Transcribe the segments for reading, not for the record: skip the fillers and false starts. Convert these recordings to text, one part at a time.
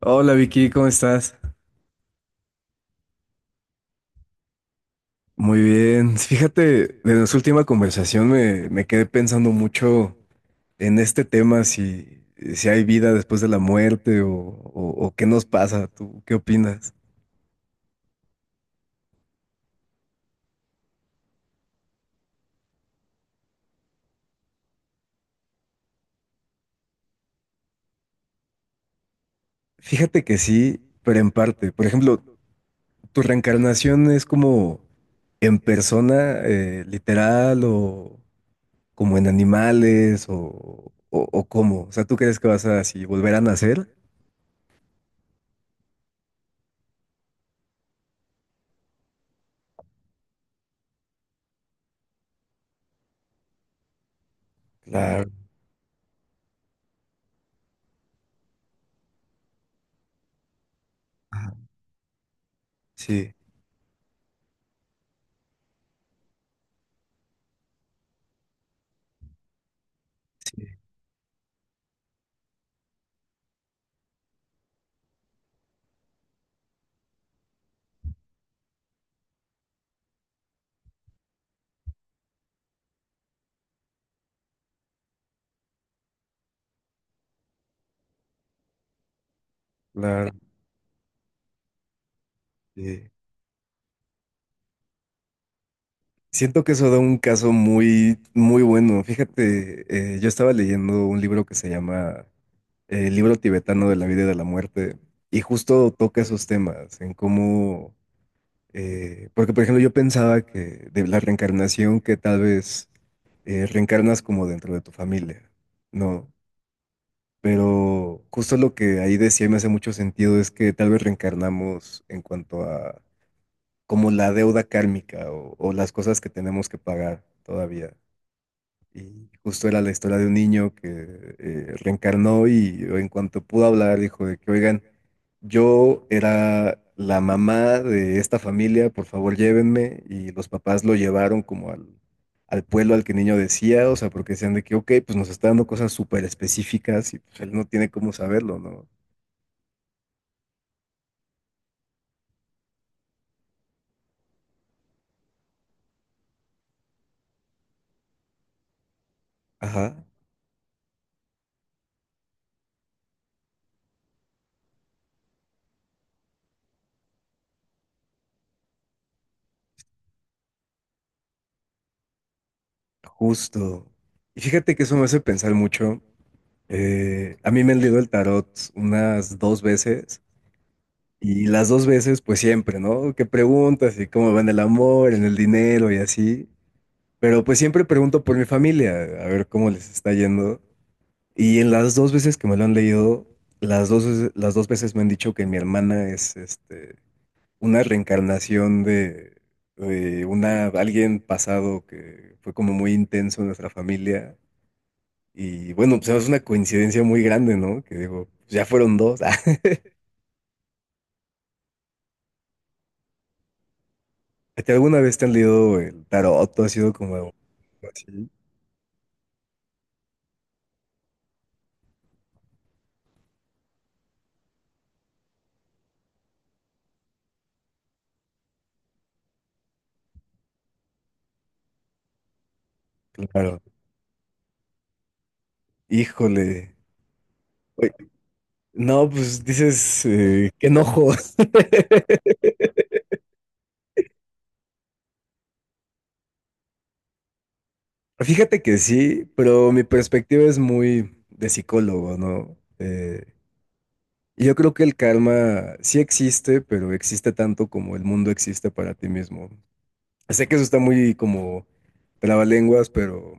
Hola Vicky, ¿cómo estás? Muy bien. Fíjate, de nuestra última conversación me quedé pensando mucho en este tema, si hay vida después de la muerte o qué nos pasa. ¿Tú qué opinas? Fíjate que sí, pero en parte. Por ejemplo, ¿tu reencarnación es como en persona, literal, o como en animales, o cómo? O sea, ¿tú crees que vas a así volver a nacer? Claro. Ajá. Sí, sí, claro. Eh, Siento que eso da un caso muy, muy bueno. Fíjate, yo estaba leyendo un libro que se llama El libro tibetano de la vida y de la muerte, y justo toca esos temas, en cómo, porque por ejemplo yo pensaba que de la reencarnación, que tal vez reencarnas como dentro de tu familia, ¿no? Pero justo lo que ahí decía y me hace mucho sentido es que tal vez reencarnamos en cuanto a como la deuda kármica o las cosas que tenemos que pagar todavía. Y justo era la historia de un niño que reencarnó y en cuanto pudo hablar dijo de que, oigan, yo era la mamá de esta familia, por favor llévenme. Y los papás lo llevaron como al, al pueblo al que el niño decía, o sea, porque decían de que, ok, pues nos está dando cosas súper específicas y pues él no tiene cómo saberlo, ¿no? Ajá, justo. Y fíjate que eso me hace pensar mucho. A mí me han leído el tarot unas dos veces y las dos veces pues siempre, ¿no? Que preguntas y cómo va en el amor, en el dinero y así. Pero pues siempre pregunto por mi familia, a ver cómo les está yendo. Y en las dos veces que me lo han leído, las dos veces me han dicho que mi hermana es este, una reencarnación de una, alguien pasado que fue como muy intenso en nuestra familia y bueno, pues es una coincidencia muy grande, ¿no? Que digo, pues, ya fueron dos. ¿A ti alguna vez te han leído el tarot? ¿Tú has sido como así? Claro. Híjole. Oye, no, pues dices, qué enojo. Fíjate que sí, pero mi perspectiva es muy de psicólogo, ¿no? Y yo creo que el karma sí existe, pero existe tanto como el mundo existe para ti mismo. Sé que eso está muy como trabalenguas, pero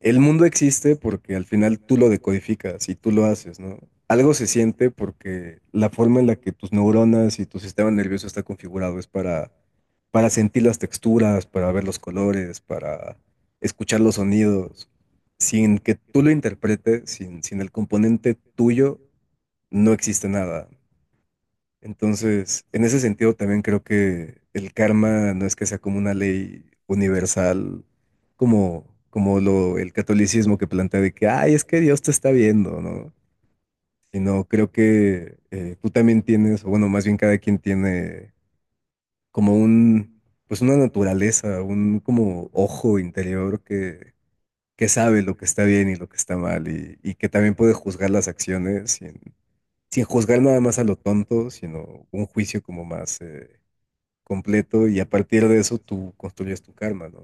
el mundo existe porque al final tú lo decodificas y tú lo haces, ¿no? Algo se siente porque la forma en la que tus neuronas y tu sistema nervioso está configurado es para sentir las texturas, para ver los colores, para escuchar los sonidos. Sin que tú lo interpretes, sin el componente tuyo, no existe nada. Entonces, en ese sentido también creo que el karma no es que sea como una ley universal, como el catolicismo que plantea de que, ay, es que Dios te está viendo, ¿no? Sino creo que tú también tienes, o bueno, más bien cada quien tiene como un, pues una naturaleza, un como ojo interior que sabe lo que está bien y lo que está mal y que también puede juzgar las acciones sin, sin juzgar nada más a lo tonto, sino un juicio como más... completo y a partir de eso tú construyes tu karma, ¿no?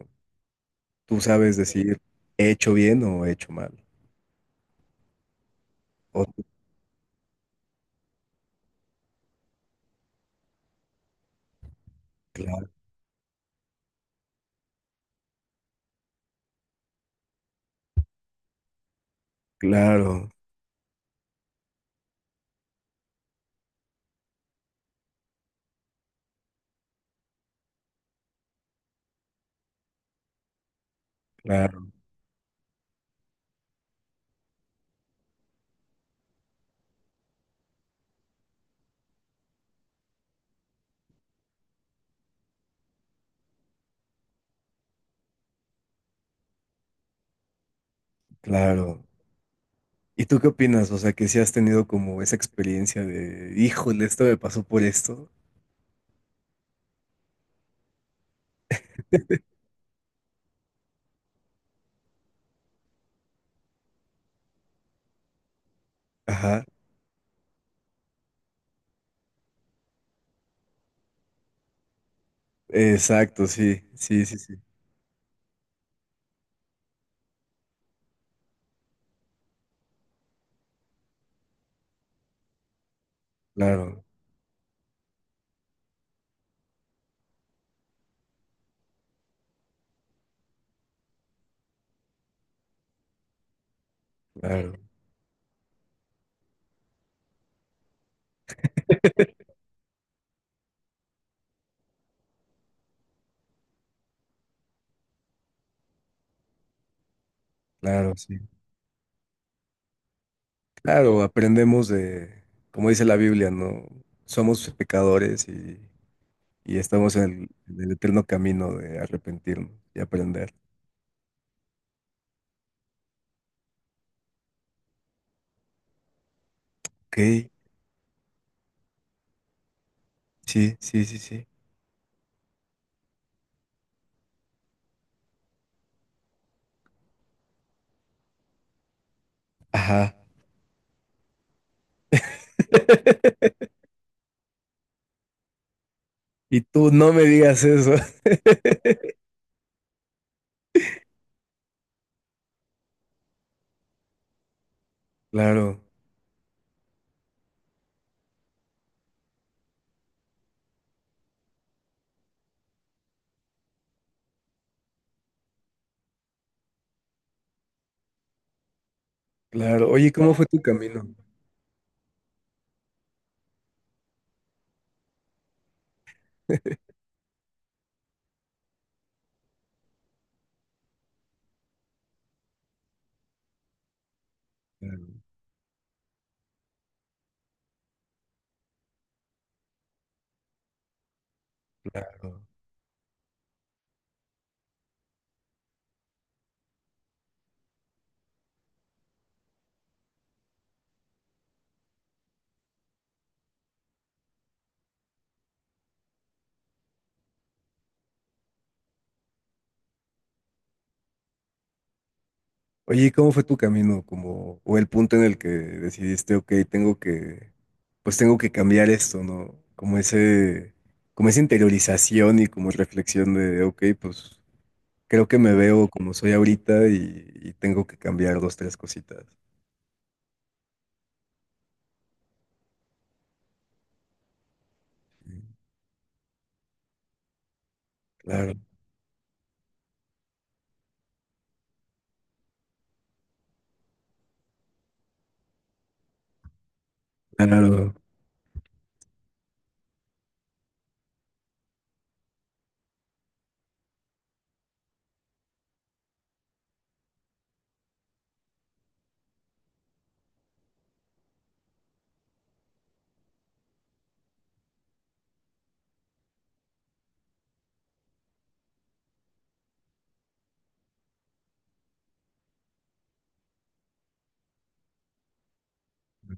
Tú sabes decir, he hecho bien o he hecho mal. O tú- claro, claro, claro, claro. ¿Y tú qué opinas? O sea, que si has tenido como esa experiencia de, híjole, esto me pasó por esto. Ajá. Exacto, sí, sí, sí, sí. Claro, claro, claro, sí. Claro, aprendemos de, como dice la Biblia, ¿no? Somos pecadores y estamos en el eterno camino de arrepentirnos y aprender. Ok, sí, sí, sí, sí. Ajá. Y tú no me digas eso. Claro, claro. Oye, ¿cómo fue tu camino? Claro, claro. Oye, ¿cómo fue tu camino? Como, o el punto en el que decidiste, ok, tengo que, pues tengo que cambiar esto, ¿no? Como ese, como esa interiorización y como reflexión de, ok, pues creo que me veo como soy ahorita y tengo que cambiar dos, tres cositas. Mm. Claro, claro,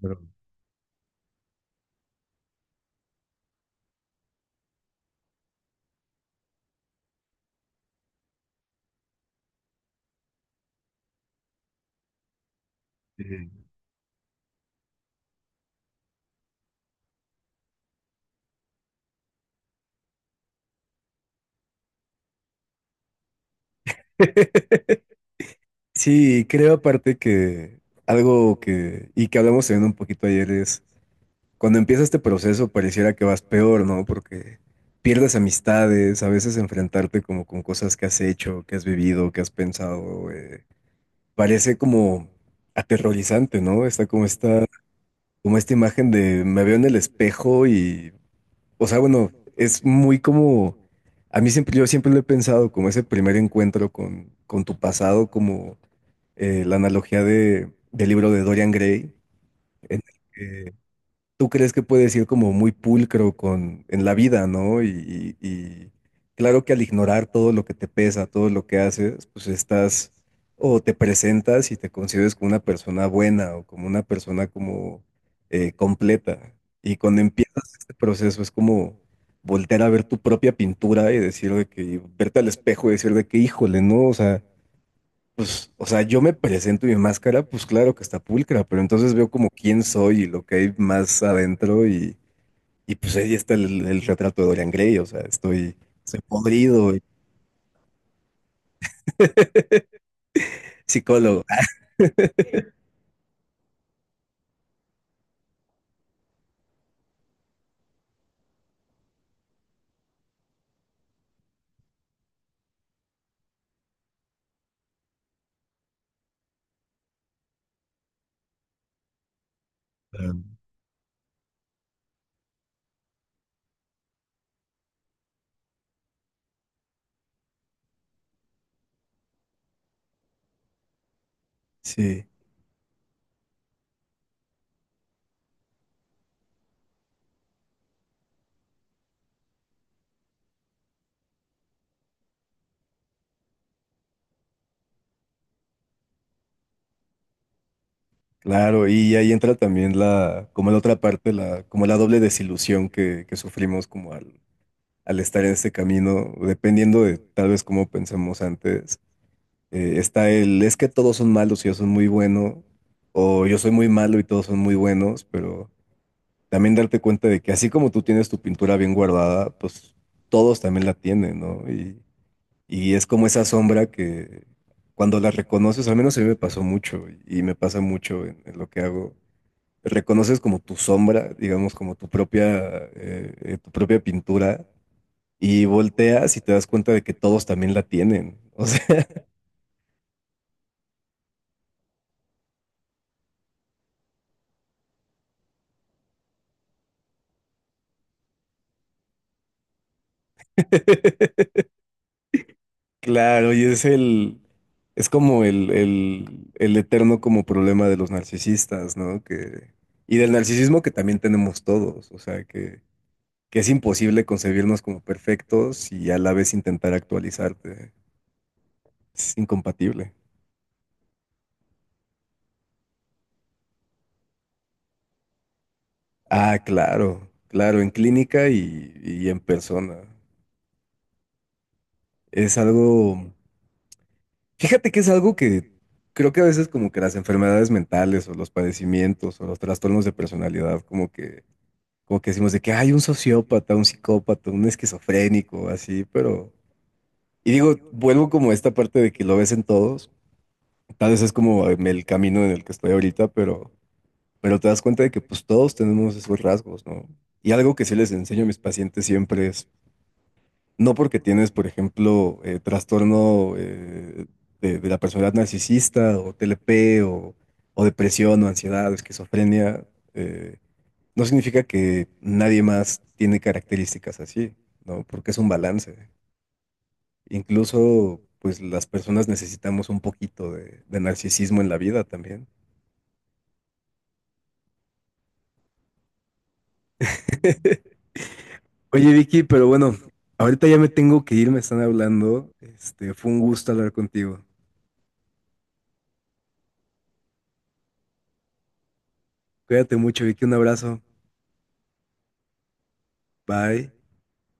claro. Sí. Sí, creo aparte que algo que, y que hablamos también un poquito ayer es, cuando empieza este proceso pareciera que vas peor, ¿no? Porque pierdes amistades, a veces enfrentarte como con cosas que has hecho, que has vivido, que has pensado, parece como aterrorizante, ¿no? Está como esta imagen de me veo en el espejo y o sea, bueno, es muy como, a mí siempre, yo siempre lo he pensado como ese primer encuentro con tu pasado, como la analogía de, del libro de Dorian Gray, en el que tú crees que puedes ir como muy pulcro con, en la vida, ¿no? Y claro que al ignorar todo lo que te pesa, todo lo que haces, pues estás o te presentas y te consideras como una persona buena o como una persona como completa. Y cuando empiezas este proceso es como voltear a ver tu propia pintura y decir de que, verte al espejo y decir de que, híjole, ¿no? O sea, pues, o sea, yo me presento y mi máscara, pues claro que está pulcra, pero entonces veo como quién soy y lo que hay más adentro y pues ahí está el retrato de Dorian Gray, o sea, estoy, estoy podrido, y- psicólogo. Ah, sí, claro, y ahí entra también la, como la otra parte, la, como la doble desilusión que sufrimos como al estar en este camino, dependiendo de tal vez cómo pensamos antes, está el, es que todos son malos y yo soy muy bueno, o yo soy muy malo y todos son muy buenos, pero también darte cuenta de que así como tú tienes tu pintura bien guardada, pues todos también la tienen, ¿no? Y es como esa sombra que cuando la reconoces, al menos a mí me pasó mucho y me pasa mucho en lo que hago, reconoces como tu sombra, digamos, como tu propia pintura. Y volteas y te das cuenta de que todos también la tienen. O sea, claro, y es el, es como el eterno como problema de los narcisistas, ¿no? Que, y del narcisismo que también tenemos todos, o sea, que es imposible concebirnos como perfectos y a la vez intentar actualizarte. Es incompatible. Ah, claro, claro, en clínica y en persona. Es algo, fíjate que es algo que creo que a veces como que las enfermedades mentales o los padecimientos o los trastornos de personalidad como que decimos de que hay un sociópata, un psicópata, un esquizofrénico, así, pero... Y digo, vuelvo como a esta parte de que lo ves en todos, tal vez es como el camino en el que estoy ahorita, pero te das cuenta de que pues todos tenemos esos rasgos, ¿no? Y algo que sí les enseño a mis pacientes siempre es, no porque tienes, por ejemplo, trastorno de la personalidad narcisista o TLP o depresión o ansiedad o esquizofrenia, eh, no significa que nadie más tiene características así, ¿no? Porque es un balance. Incluso, pues las personas necesitamos un poquito de narcisismo en la vida también. Oye, Vicky, pero bueno, ahorita ya me tengo que ir, me están hablando. Este, fue un gusto hablar contigo. Cuídate mucho, Vicky, un abrazo. Bye.